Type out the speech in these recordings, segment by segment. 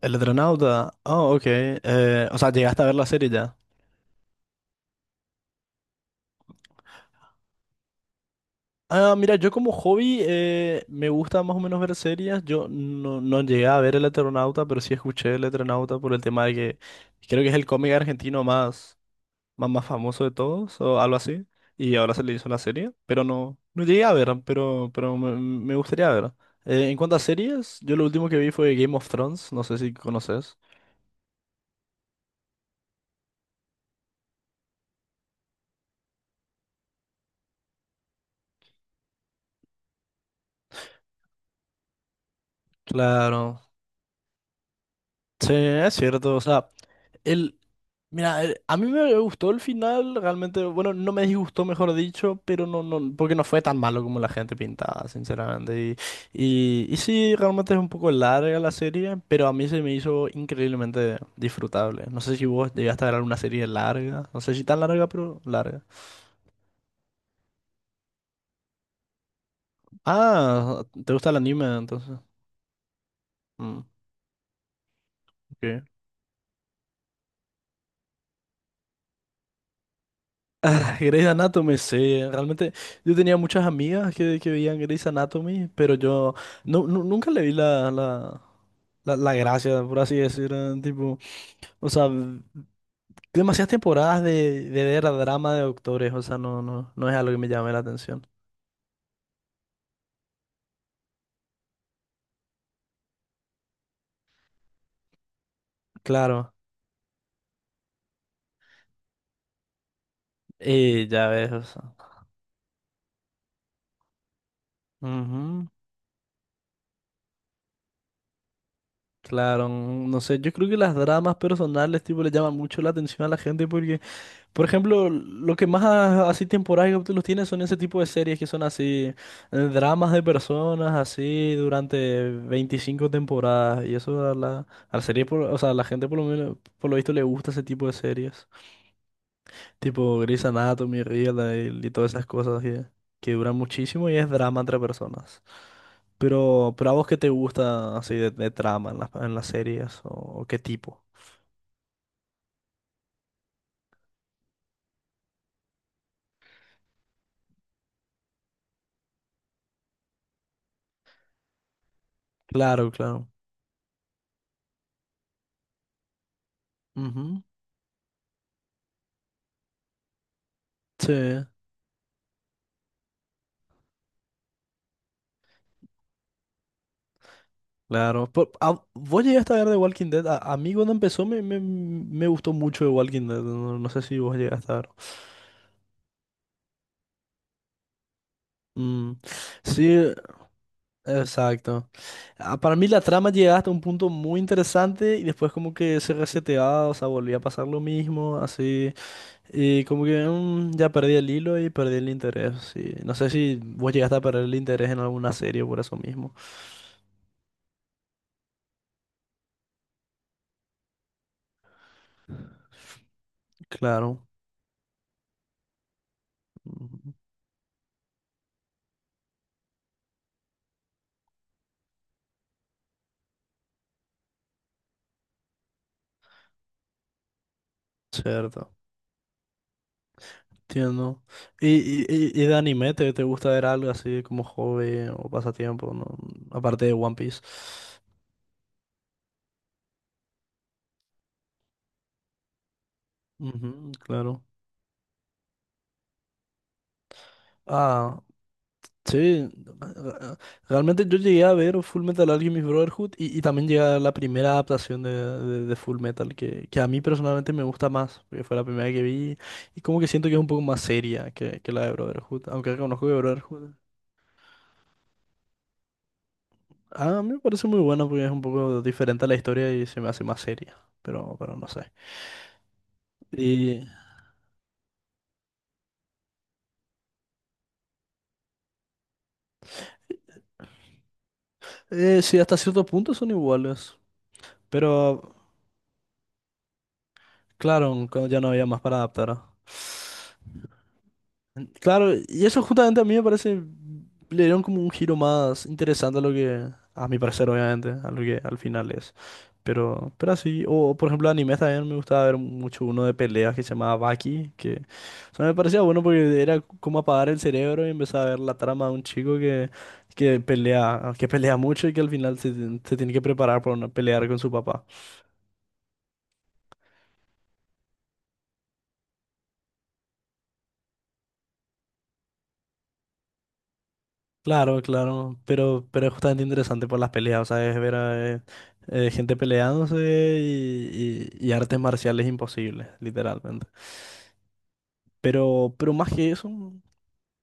El Eternauta. Ah, ok. O sea, llegaste a ver la serie ya. Ah, mira, yo como hobby me gusta más o menos ver series. Yo no llegué a ver el Eternauta, pero sí escuché el Eternauta por el tema de que creo que es el cómic argentino más famoso de todos o algo así. Y ahora se le hizo la serie, pero no llegué a ver, pero me gustaría ver. En cuanto a series, yo lo último que vi fue Game of Thrones, no sé si conoces. Claro. Sí, es cierto, o sea... El, Mira, a mí me gustó el final, realmente, bueno, no me disgustó, mejor dicho, pero no, porque no fue tan malo como la gente pintaba, sinceramente. Y sí, realmente es un poco larga la serie, pero a mí se me hizo increíblemente disfrutable. No sé si vos llegaste a ver alguna serie larga, no sé si tan larga, pero larga. Ah, ¿te gusta el anime entonces? Mm, ok. Grey's Anatomy, sí, realmente yo tenía muchas amigas que veían Grey's Anatomy, pero yo nunca le vi la, la gracia, por así decirlo, tipo, o sea, demasiadas temporadas de ver drama de doctores, o sea, no es algo que me llame la atención. Claro, y ya ves, o sea, ujú, claro, no sé, yo creo que las dramas personales, tipo, le llaman mucho la atención a la gente porque por ejemplo, lo que más así temporadas los tiene son ese tipo de series que son así, dramas de personas así durante 25 temporadas. Y eso a la serie, o sea, a la gente por lo menos, por lo visto le gusta ese tipo de series. Tipo Grey's Anatomy, Riverdale y todas esas cosas que duran muchísimo y es drama entre personas. Pero a vos qué te gusta así de trama en en las series o qué tipo. Claro, claro. Ujú. Sí. Claro, pero, ah, vos llegaste a ver The Walking Dead. A mí cuando empezó me gustó mucho The Walking Dead. No sé si vos llegaste a ver. Mm, sí, exacto. Ah, para mí la trama llegaba hasta un punto muy interesante y después como que se reseteaba, o sea, volvía a pasar lo mismo, así. Y como que ya perdí el hilo y perdí el interés. Sí. No sé si vos llegaste a perder el interés en alguna serie por eso mismo. Claro, mm, cierto. Entiendo. Y de anime te gusta ver algo así como hobby o pasatiempo, ¿no? Aparte de One Piece. Ujú, claro. Ah, sí. Ah, realmente yo llegué a ver Full Metal Alchemist Brotherhood y también llegué a ver la primera adaptación de Full Metal, que a mí personalmente me gusta más, porque fue la primera que vi y como que siento que es un poco más seria que la de Brotherhood, aunque reconozco que Brotherhood... Ah, a mí me parece muy buena porque es un poco diferente a la historia y se me hace más seria, pero no sé. Y sí, hasta cierto punto son iguales. Pero claro, cuando ya no había más para adaptar. Ah. Claro, y eso justamente a mí me parece, le dieron como un giro más interesante a lo que, a mi parecer obviamente, a lo que al final es. Pero así, o por ejemplo animes también me gustaba ver mucho uno de peleas que se llamaba Baki, que o sea, me parecía bueno porque era como apagar el cerebro y empezar a ver la trama de un chico que pelea mucho y que al final se tiene que preparar para una, pelear con su papá. Claro, claro, pero es justamente interesante por las peleas, o sea, es ver a gente peleándose y artes marciales imposibles, literalmente. Pero más que eso,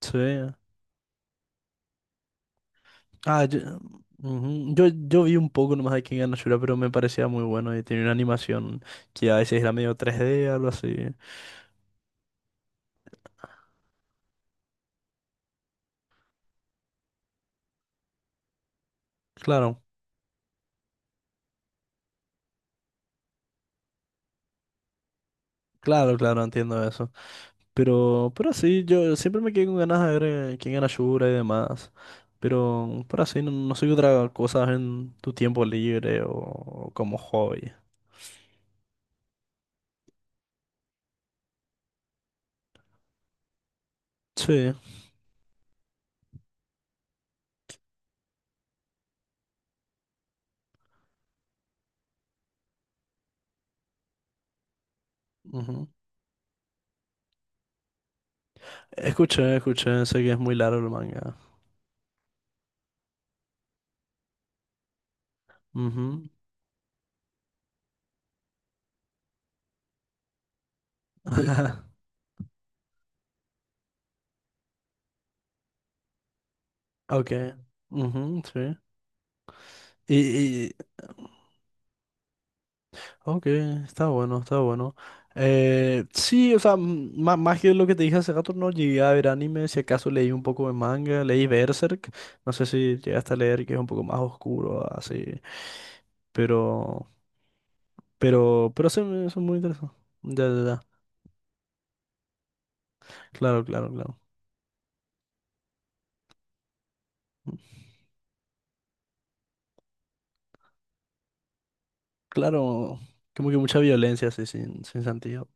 sí. Ah, yo, ujú, yo vi un poco nomás de Kengan no Shura, pero me parecía muy bueno y tenía una animación que a veces era medio 3D, algo así. Claro, claro, claro, entiendo eso. Pero sí, yo siempre me quedé con ganas de ver quién era Shura y demás. Pero así, no sé qué otra cosa en tu tiempo libre o como hobby. Sí. Ujú. Escuché, escuché, sé que es muy largo el manga. Ujú. Ok. Ujú, sí. ¿Y, ok, está bueno, está bueno. Sí, o sea, más que lo que te dije hace rato, no llegué a ver anime, si acaso leí un poco de manga, leí Berserk, no sé si llegaste a leer que es un poco más oscuro, así, pero, pero sí, son muy interesantes. Ya, ya, ya. Claro, claro, claro. Mm, claro, como que mucha violencia, así, sin, sin sentido.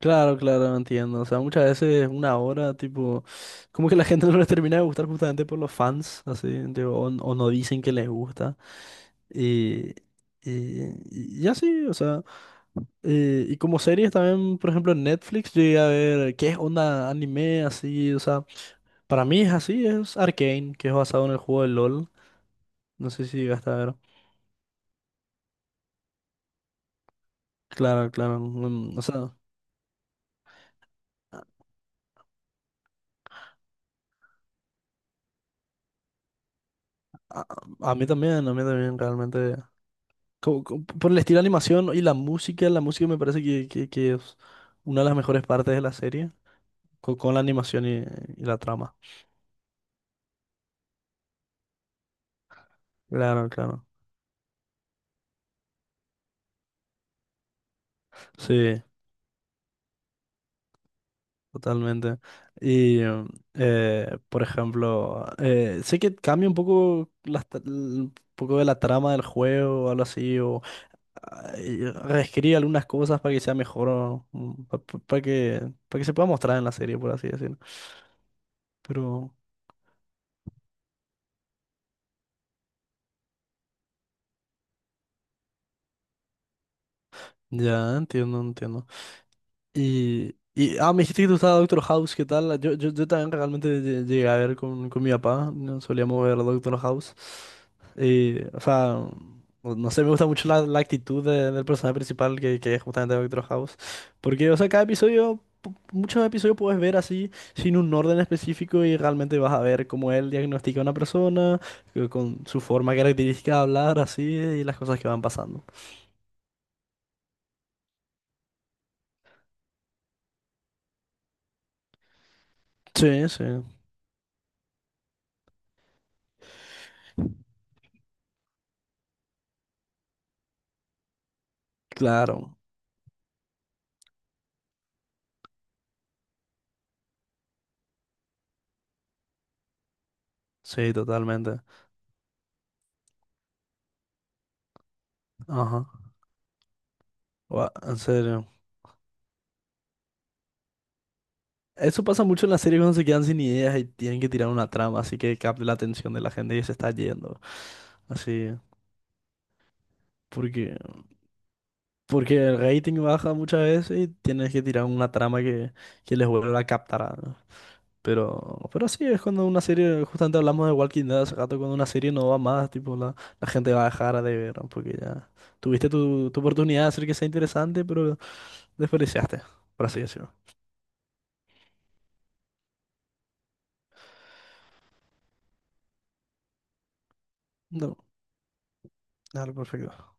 Claro, claro, entiendo. O sea, muchas veces una hora, tipo, como que la gente no les termina de gustar justamente por los fans, así, tipo, o no dicen que les gusta. Y, y, y así, o sea, y como series también, por ejemplo, en Netflix, yo llegué a ver qué es onda anime, así, o sea, para mí es así, es Arcane, que es basado en el juego de LOL, no sé si llegaste a ver. Claro, claro, mm, o sea, a, a mí también, realmente, como por el estilo de animación y la música me parece que es una de las mejores partes de la serie, con la animación y la trama. Claro, claro, sí. Totalmente. Y por ejemplo, sé que cambia un poco un poco de la trama del juego o algo así, o ah, y reescribe algunas cosas para que sea mejor, o, para para que se pueda mostrar en la serie, por así decirlo. Pero ya entiendo, entiendo. Y, ah, me dijiste que te gustaba Doctor House, ¿qué tal? Yo también realmente llegué a ver con mi papá, ¿no? Solíamos ver Doctor House. Y, o sea, no sé, me gusta mucho la, la actitud del personaje principal que es justamente Doctor House. Porque, o sea, cada episodio, muchos episodios puedes ver así, sin un orden específico y realmente vas a ver cómo él diagnostica a una persona, con su forma característica de hablar, así, y las cosas que van pasando. Sí, sí, claro, sí, totalmente. Ajá. Gua- ¿en serio? Eso pasa mucho en las series cuando se quedan sin ideas y tienen que tirar una trama, así que capte la atención de la gente y se está yendo. Así, porque, porque el rating baja muchas veces y tienes que tirar una trama que les vuelva a captar. ¿No? Pero sí, es cuando una serie, justamente hablamos de Walking Dead hace rato, cuando una serie no va más, tipo, la gente va a dejar de ver, ¿no? Porque ya tuviste tu oportunidad de hacer que sea interesante, pero desperdiciaste, por así decirlo. No, claro, perfecto.